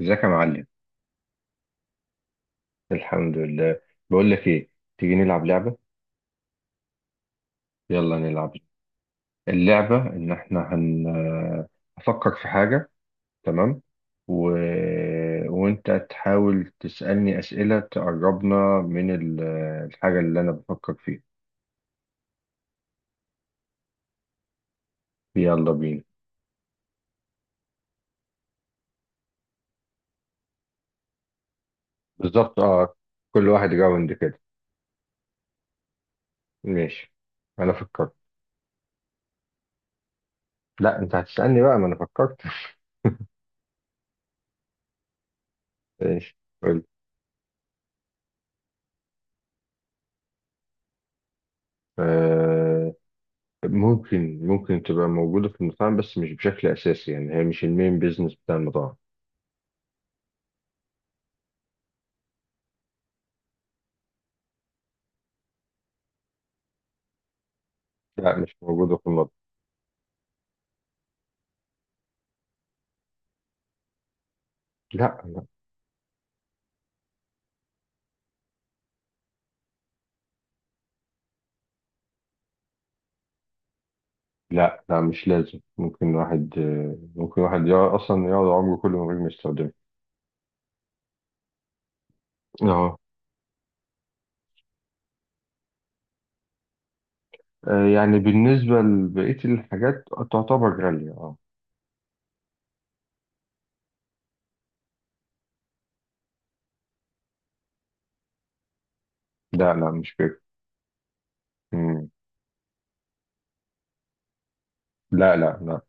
ازيك يا معلم؟ الحمد لله. بقول لك ايه، تيجي نلعب لعبة؟ يلا نلعب. اللعبة ان احنا هفكر في حاجة، تمام، و... وانت تحاول تسألني أسئلة تقربنا من ال- الحاجة اللي انا بفكر فيها. يلا بينا. بالظبط، اه، كل واحد راوند كده. ماشي. انا فكرت. لا انت هتسألني بقى، ما انا فكرت. ماشي، قول. آه، ممكن تبقى موجودة في المطاعم بس مش بشكل أساسي، يعني هي مش المين بيزنس بتاع المطاعم. لا مش موجودة في المطاعم. لا لا. لا، مش لازم، ممكن واحد يقعد أصلا، يقعد عمره كله من غير ما يستخدمها. اه. آه، يعني بالنسبة لبقية الحاجات تعتبر غالية، اه. لا لا مش كده. مم. لا لا لا.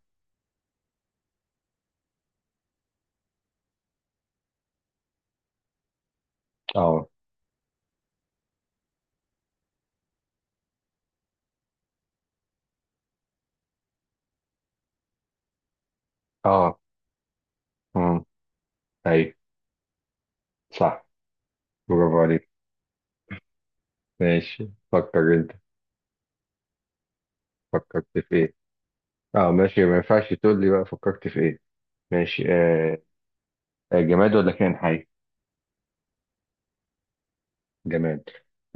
اه. اه. مم. أيوة صح، برافو عليك. ماشي، فكر أنت. فكرت في إيه؟ اه ماشي، ما ينفعش تقول لي بقى فكرت في إيه. ماشي، آه. آه، جماد ولا كائن حي؟ جماد.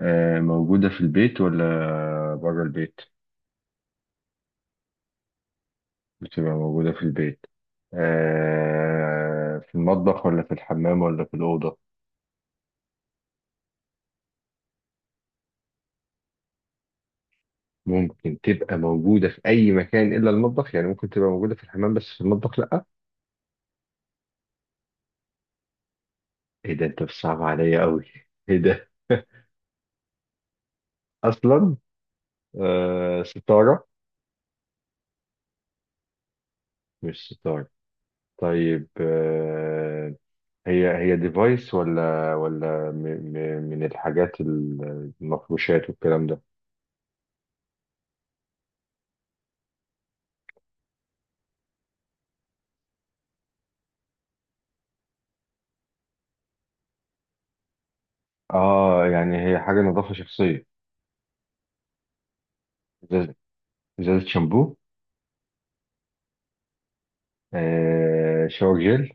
آه، موجودة في البيت ولا بره البيت؟ بتبقى موجودة في البيت. آه، في المطبخ ولا في الحمام ولا في الأوضة؟ ممكن تبقى موجودة في أي مكان إلا المطبخ، يعني ممكن تبقى موجودة في الحمام بس في المطبخ لأ؟ إيه ده أنت بتصعب عليا أوي، إيه ده؟ أصلا آه ستارة. مش ستارة. طيب آه، هي هي ديفايس ولا م م من الحاجات المفروشات والكلام ده؟ اه يعني هي حاجه نظافه شخصيه. ازازه، إزازة شامبو. آه، شاور جل.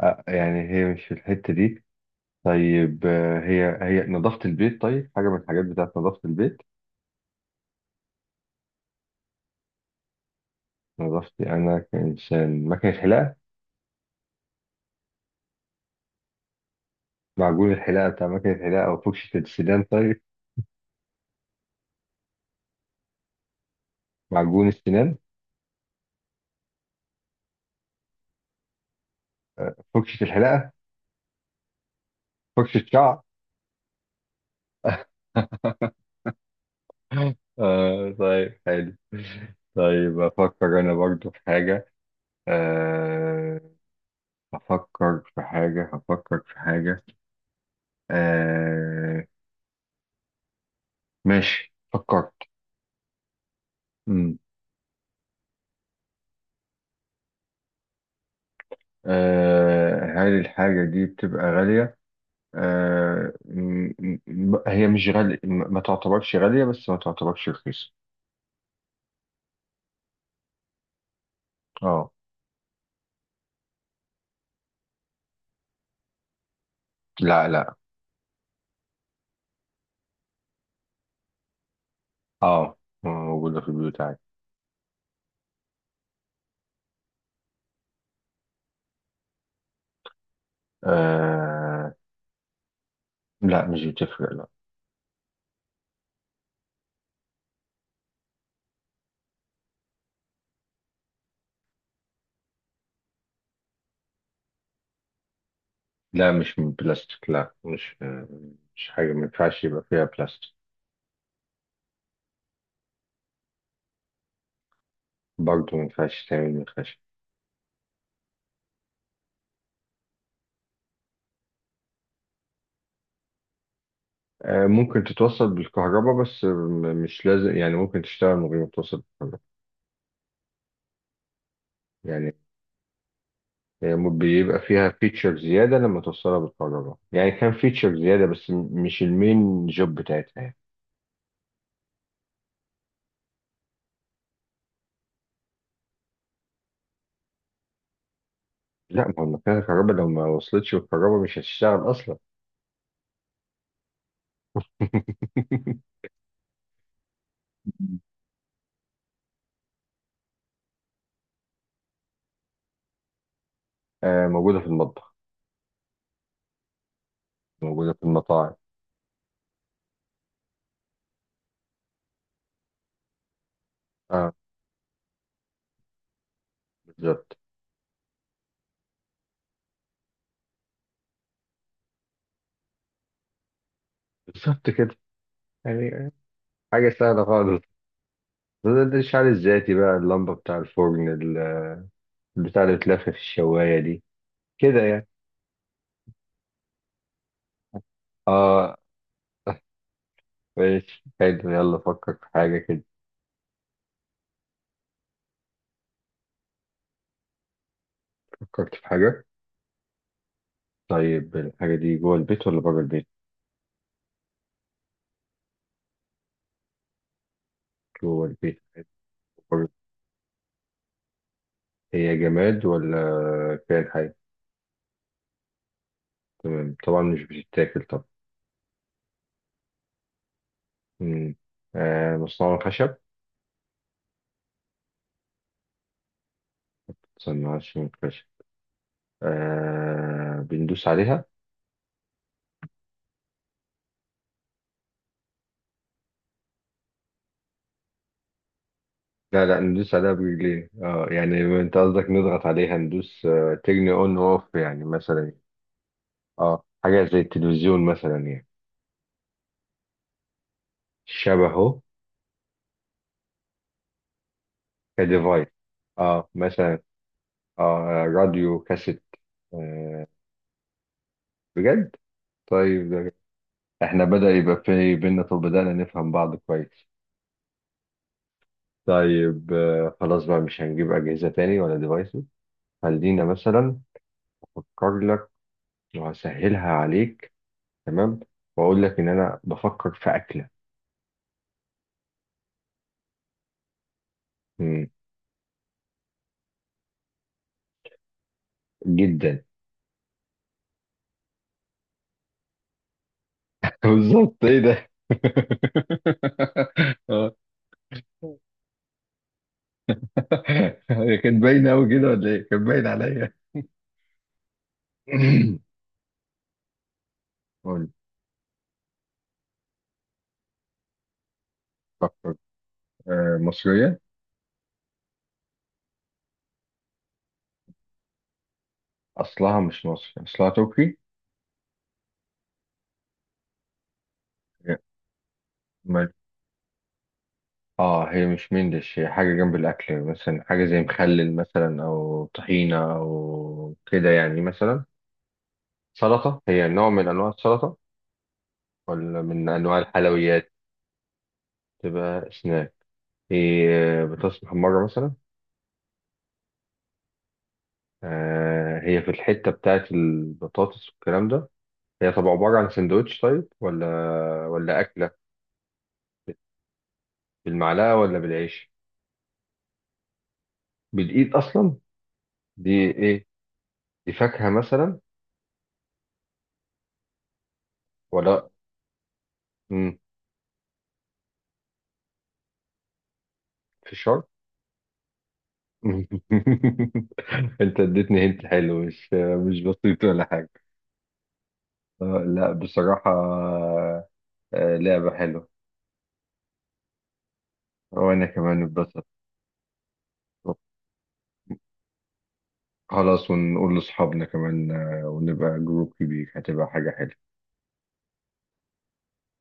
آه يعني هي مش في الحته دي. طيب آه، هي هي نظافه البيت، طيب حاجه من الحاجات بتاعت نظافه البيت. نظافتي انا كانسان، مكنه حلاقه. معجون الحلاقه بتاع مكنه الحلاقه وفرشه السنان، طيب معجون السنان، فرشه الحلاقه، فرشه شعر. آه طيب حلو. طيب أفكر أنا برضو في حاجة، أه. أفكر في حاجة، هفكر في حاجة، أه. ماشي فكرت. مم. أه، هل الحاجة دي بتبقى غالية؟ أه، هي مش غالية، ما تعتبرش غالية بس ما تعتبرش رخيصة. اه. لا لا. اه موجودة في البيوت عادي. أه. لا مش بتفرق. لا مش من بلاستيك، لا مش آه، مش حاجة ما ينفعش يبقى فيها بلاستيك. برضه ما ينفعش تعمل من خشب. آه، ممكن تتوصل بالكهرباء بس مش لازم، يعني ممكن تشتغل من غير ما توصل بالكهرباء. يعني هي بيبقى فيها فيتشر زيادة لما توصلها بالكهرباء، يعني كان فيتشر زيادة بس مش المين جوب بتاعتها يعني. لا، ما هو المكنة الكهرباء لو ما وصلتش بالكهرباء مش هتشتغل أصلا. آه، موجودة في المطبخ، موجودة في المطاعم. اه. بالظبط. بالظبط كده يعني. حاجة سهلة خالص. ده الشعر الذاتي بقى، اللمبة بتاع الفرن البتاع اللي بتلف في الشواية دي كده يعني. اه ماشي حلو، يلا فكر في حاجة كده. فكرت في حاجة. طيب الحاجة دي جوه البيت ولا بره البيت؟ جوه البيت. بره البيت. هي جماد ولا كائن حي؟ تمام، طبعا مش بتتاكل طبعا. مم. آه، مصنوعة من خشب؟ مصنوعة من خشب. آه بندوس عليها؟ لا لا، ندوس عليها برجلين، اه، يعني انت قصدك نضغط عليها، ندوس، تجني اون اوف يعني مثلا. اه حاجه زي التلفزيون مثلا يعني. شبهه كديفايس، اه مثلا. اه راديو كاسيت، آه. بجد. طيب احنا بدأ يبقى في بينا، طب بدأنا نفهم بعض كويس. طيب آه، خلاص بقى مش هنجيب أجهزة تاني ولا ديفايسز. خلينا مثلا أفكر لك وهسهلها عليك، تمام، وأقول لك إن أنا بفكر في أكلة. جدا. بالظبط، ايه ده؟ آه، هي كانت باينه قوي كده ولا ايه، كانت باين عليا؟ قول. فكر. آه، مصريه. اصلها مش مصري، اصلها تركي. هي- أمال- اه هي مش مندش، هي حاجه جنب الاكل، مثلا حاجه زي مخلل مثلا او طحينه او كده يعني. مثلا سلطه، هي نوع من انواع السلطه ولا من انواع الحلويات. تبقى سناك، هي بطاطس محمره مثلا. آه هي في الحتة بتاعت البطاطس والكلام ده. هي طب عبارة عن سندوتش طيب، ولا ولا أكلة؟ بالمعلقة ولا بالعيش؟ بالإيد أصلا. دي إيه؟ دي فاكهة مثلا؟ ولا مم. في الشرب. أنت اديتني هنت حلو، مش مش بسيط ولا حاجة. آه لا بصراحة، آه لعبة حلوة. وأنا كمان اتبسطت. خلاص، ونقول لأصحابنا كمان، آه، ونبقى جروب كبير، هتبقى حاجة حلوة.